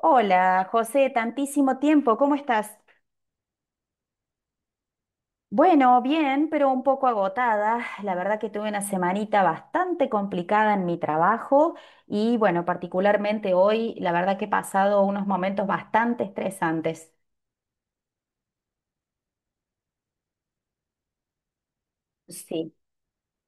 Hola, José, tantísimo tiempo, ¿cómo estás? Bueno, bien, pero un poco agotada. La verdad que tuve una semanita bastante complicada en mi trabajo y bueno, particularmente hoy, la verdad que he pasado unos momentos bastante estresantes. Sí.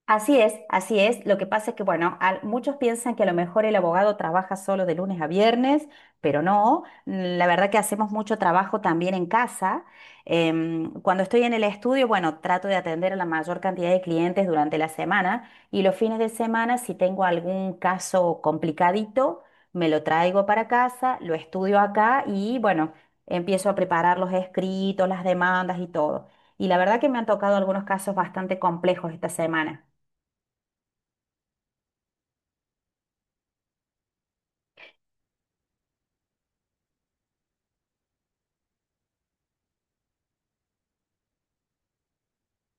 Así es, así es. Lo que pasa es que, bueno, muchos piensan que a lo mejor el abogado trabaja solo de lunes a viernes, pero no. La verdad que hacemos mucho trabajo también en casa. Cuando estoy en el estudio, bueno, trato de atender a la mayor cantidad de clientes durante la semana y los fines de semana, si tengo algún caso complicadito, me lo traigo para casa, lo estudio acá y, bueno, empiezo a preparar los escritos, las demandas y todo. Y la verdad que me han tocado algunos casos bastante complejos esta semana.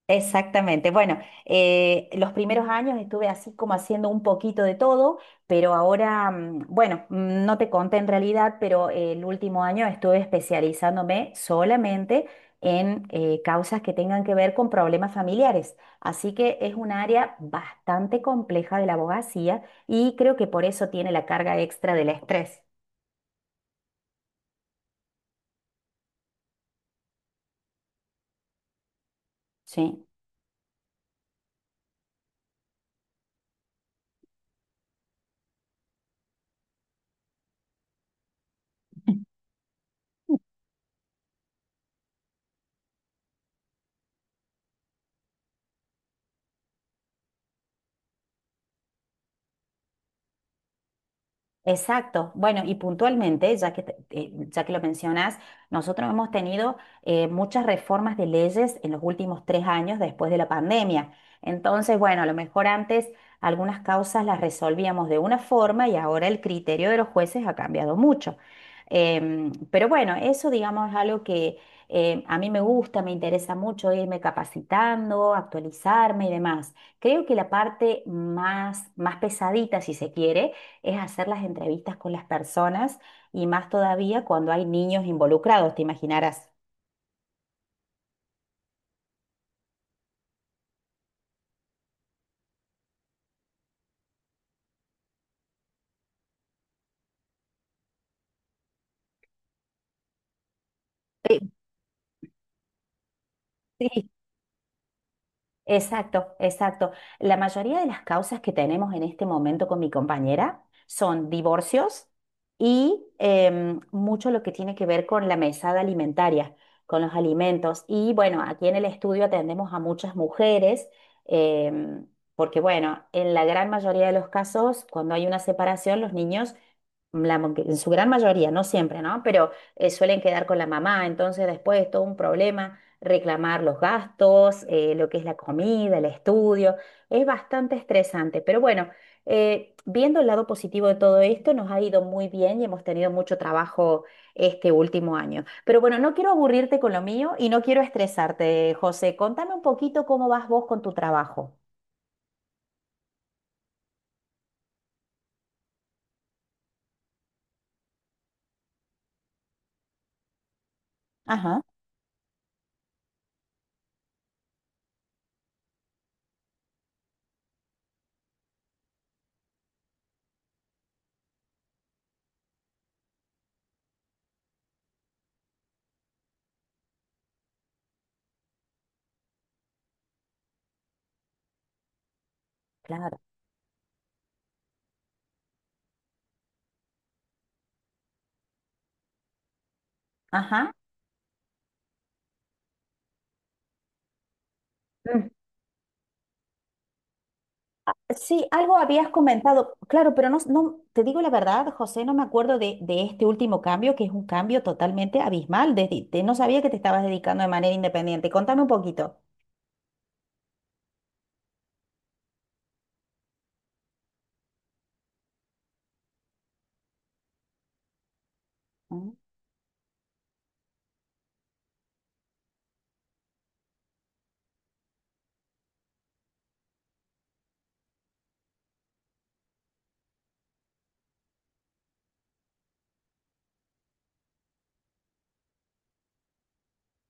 Exactamente. Bueno, los primeros años estuve así como haciendo un poquito de todo, pero ahora, bueno, no te conté en realidad, pero el último año estuve especializándome solamente en causas que tengan que ver con problemas familiares. Así que es un área bastante compleja de la abogacía y creo que por eso tiene la carga extra del estrés. Sí. Exacto. Bueno, y puntualmente, ya que lo mencionas, nosotros hemos tenido muchas reformas de leyes en los últimos 3 años después de la pandemia. Entonces, bueno, a lo mejor antes algunas causas las resolvíamos de una forma y ahora el criterio de los jueces ha cambiado mucho. Pero bueno, eso digamos es algo que a mí me gusta, me interesa mucho irme capacitando, actualizarme y demás. Creo que la parte más, más pesadita, si se quiere, es hacer las entrevistas con las personas y más todavía cuando hay niños involucrados, te imaginarás. Eh, sí, exacto, exacto. La mayoría de las causas que tenemos en este momento con mi compañera son divorcios y mucho lo que tiene que ver con la mesada alimentaria, con los alimentos. Y bueno, aquí en el estudio atendemos a muchas mujeres, em, porque bueno, en la gran mayoría de los casos, cuando hay una separación, los niños que en su gran mayoría, no siempre, ¿no? Pero suelen quedar con la mamá, entonces después es todo un problema reclamar los gastos, lo que es la comida, el estudio, es bastante estresante, pero bueno, viendo el lado positivo de todo esto, nos ha ido muy bien y hemos tenido mucho trabajo este último año. Pero bueno, no quiero aburrirte con lo mío y no quiero estresarte, José, contame un poquito cómo vas vos con tu trabajo. Ajá. Claro. Ajá. Sí, algo habías comentado, claro, pero no, no, te digo la verdad, José, no me acuerdo de este último cambio, que es un cambio totalmente abismal. No sabía que te estabas dedicando de manera independiente. Contame un poquito. Mm.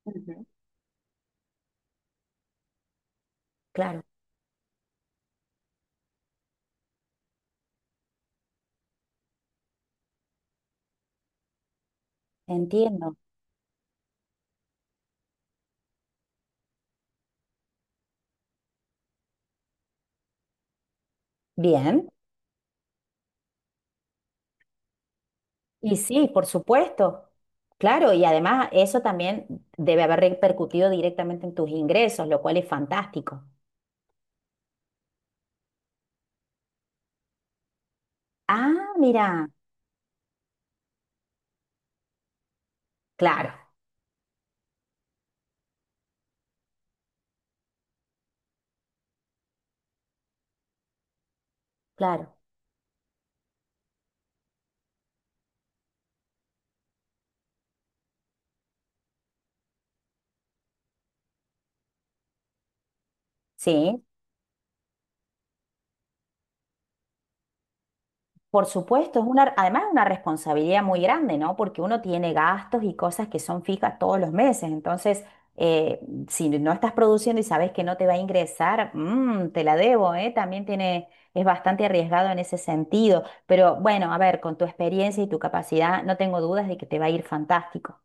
Ujú. Claro, entiendo. Bien. Y sí, por supuesto. Claro, y además eso también debe haber repercutido directamente en tus ingresos, lo cual es fantástico. Ah, mira, claro, claro. Sí. Por supuesto, es una, además es una responsabilidad muy grande, ¿no? Porque uno tiene gastos y cosas que son fijas todos los meses. Entonces, eh, si no estás produciendo y sabes que no te va a ingresar, te la debo, ¿eh? También tiene, es bastante arriesgado en ese sentido. Pero bueno, a ver, con tu experiencia y tu capacidad, no tengo dudas de que te va a ir fantástico.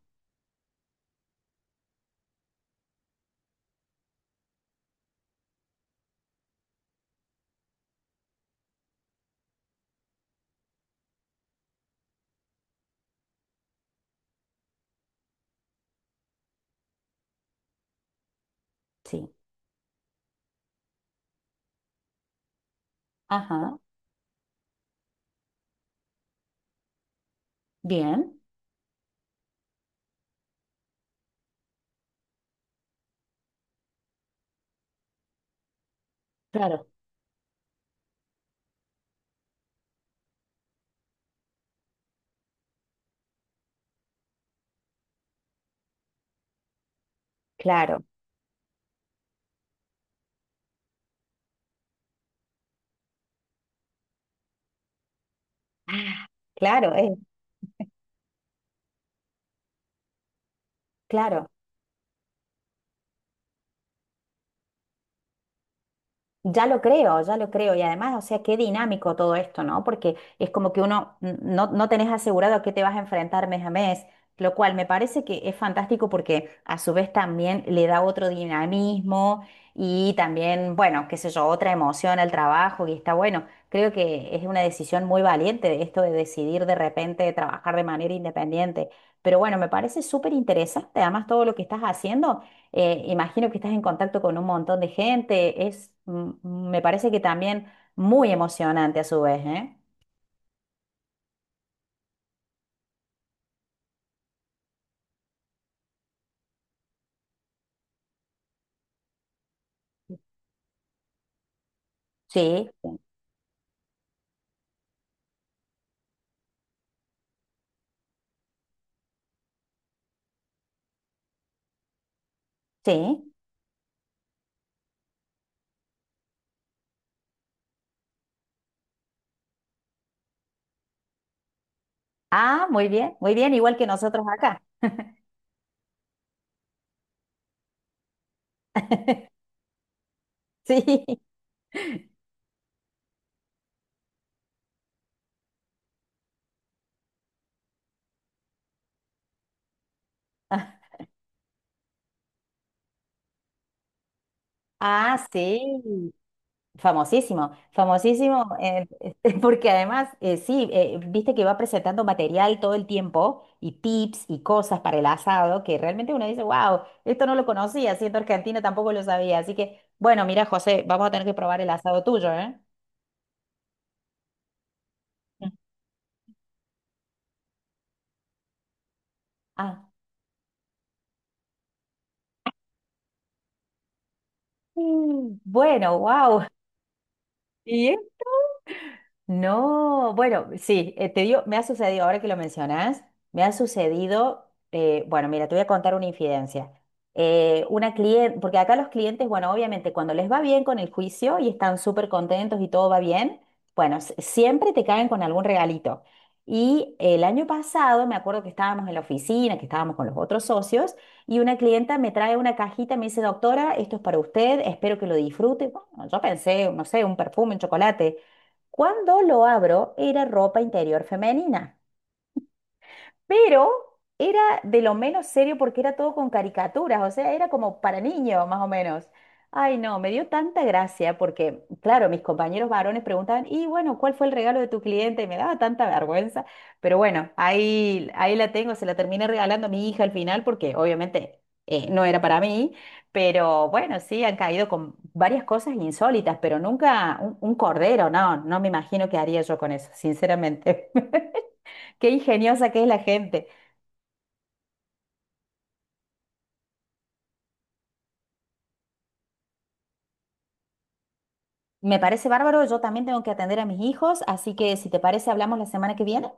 Sí. Ajá. Bien. Claro. Claro. Ah, claro, claro. Ya lo creo, ya lo creo. Y además, o sea, qué dinámico todo esto, ¿no? Porque es como que no, no tenés asegurado a qué te vas a enfrentar mes a mes, lo cual me parece que es fantástico porque a su vez también le da otro dinamismo y también, bueno, qué sé yo, otra emoción al trabajo y está bueno. Creo que es una decisión muy valiente esto de decidir de repente trabajar de manera independiente. Pero bueno, me parece súper interesante además todo lo que estás haciendo. Imagino que estás en contacto con un montón de gente. Es, me parece que también muy emocionante a su vez, ¿eh? Sí, sí. Ah, muy bien, igual que nosotros acá. Sí. Ah, sí. Famosísimo, famosísimo, porque además, sí, viste que va presentando material todo el tiempo y tips y cosas para el asado que realmente uno dice, wow, esto no lo conocía, siendo argentino tampoco lo sabía. Así que, bueno, mira, José, vamos a tener que probar el asado tuyo, ¿eh? Mm. Ah, bueno, wow. No, bueno, sí, te digo, me ha sucedido, ahora que lo mencionas, me ha sucedido, bueno, mira, te voy a contar una infidencia. Una cliente, porque acá los clientes, bueno, obviamente cuando les va bien con el juicio y están súper contentos y todo va bien, bueno, siempre te caen con algún regalito. Y el año pasado me acuerdo que estábamos en la oficina, que estábamos con los otros socios, y una clienta me trae una cajita, y me dice, doctora, esto es para usted, espero que lo disfrute. Bueno, yo pensé, no sé, un perfume, un chocolate. Cuando lo abro, era ropa interior femenina pero era de lo menos serio porque era todo con caricaturas, o sea, era como para niños, más o menos. Ay, no, me dio tanta gracia porque, claro, mis compañeros varones preguntaban, y bueno, ¿cuál fue el regalo de tu cliente? Y me daba tanta vergüenza, pero bueno, ahí, ahí la tengo, se la terminé regalando a mi hija al final porque obviamente no era para mí, pero bueno, sí, han caído con varias cosas insólitas, pero nunca un, un cordero, no, no me imagino qué haría yo con eso, sinceramente. Qué ingeniosa que es la gente. Me parece bárbaro, yo también tengo que atender a mis hijos, así que si te parece, hablamos la semana que viene.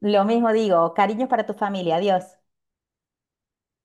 Lo mismo digo, cariños para tu familia, adiós.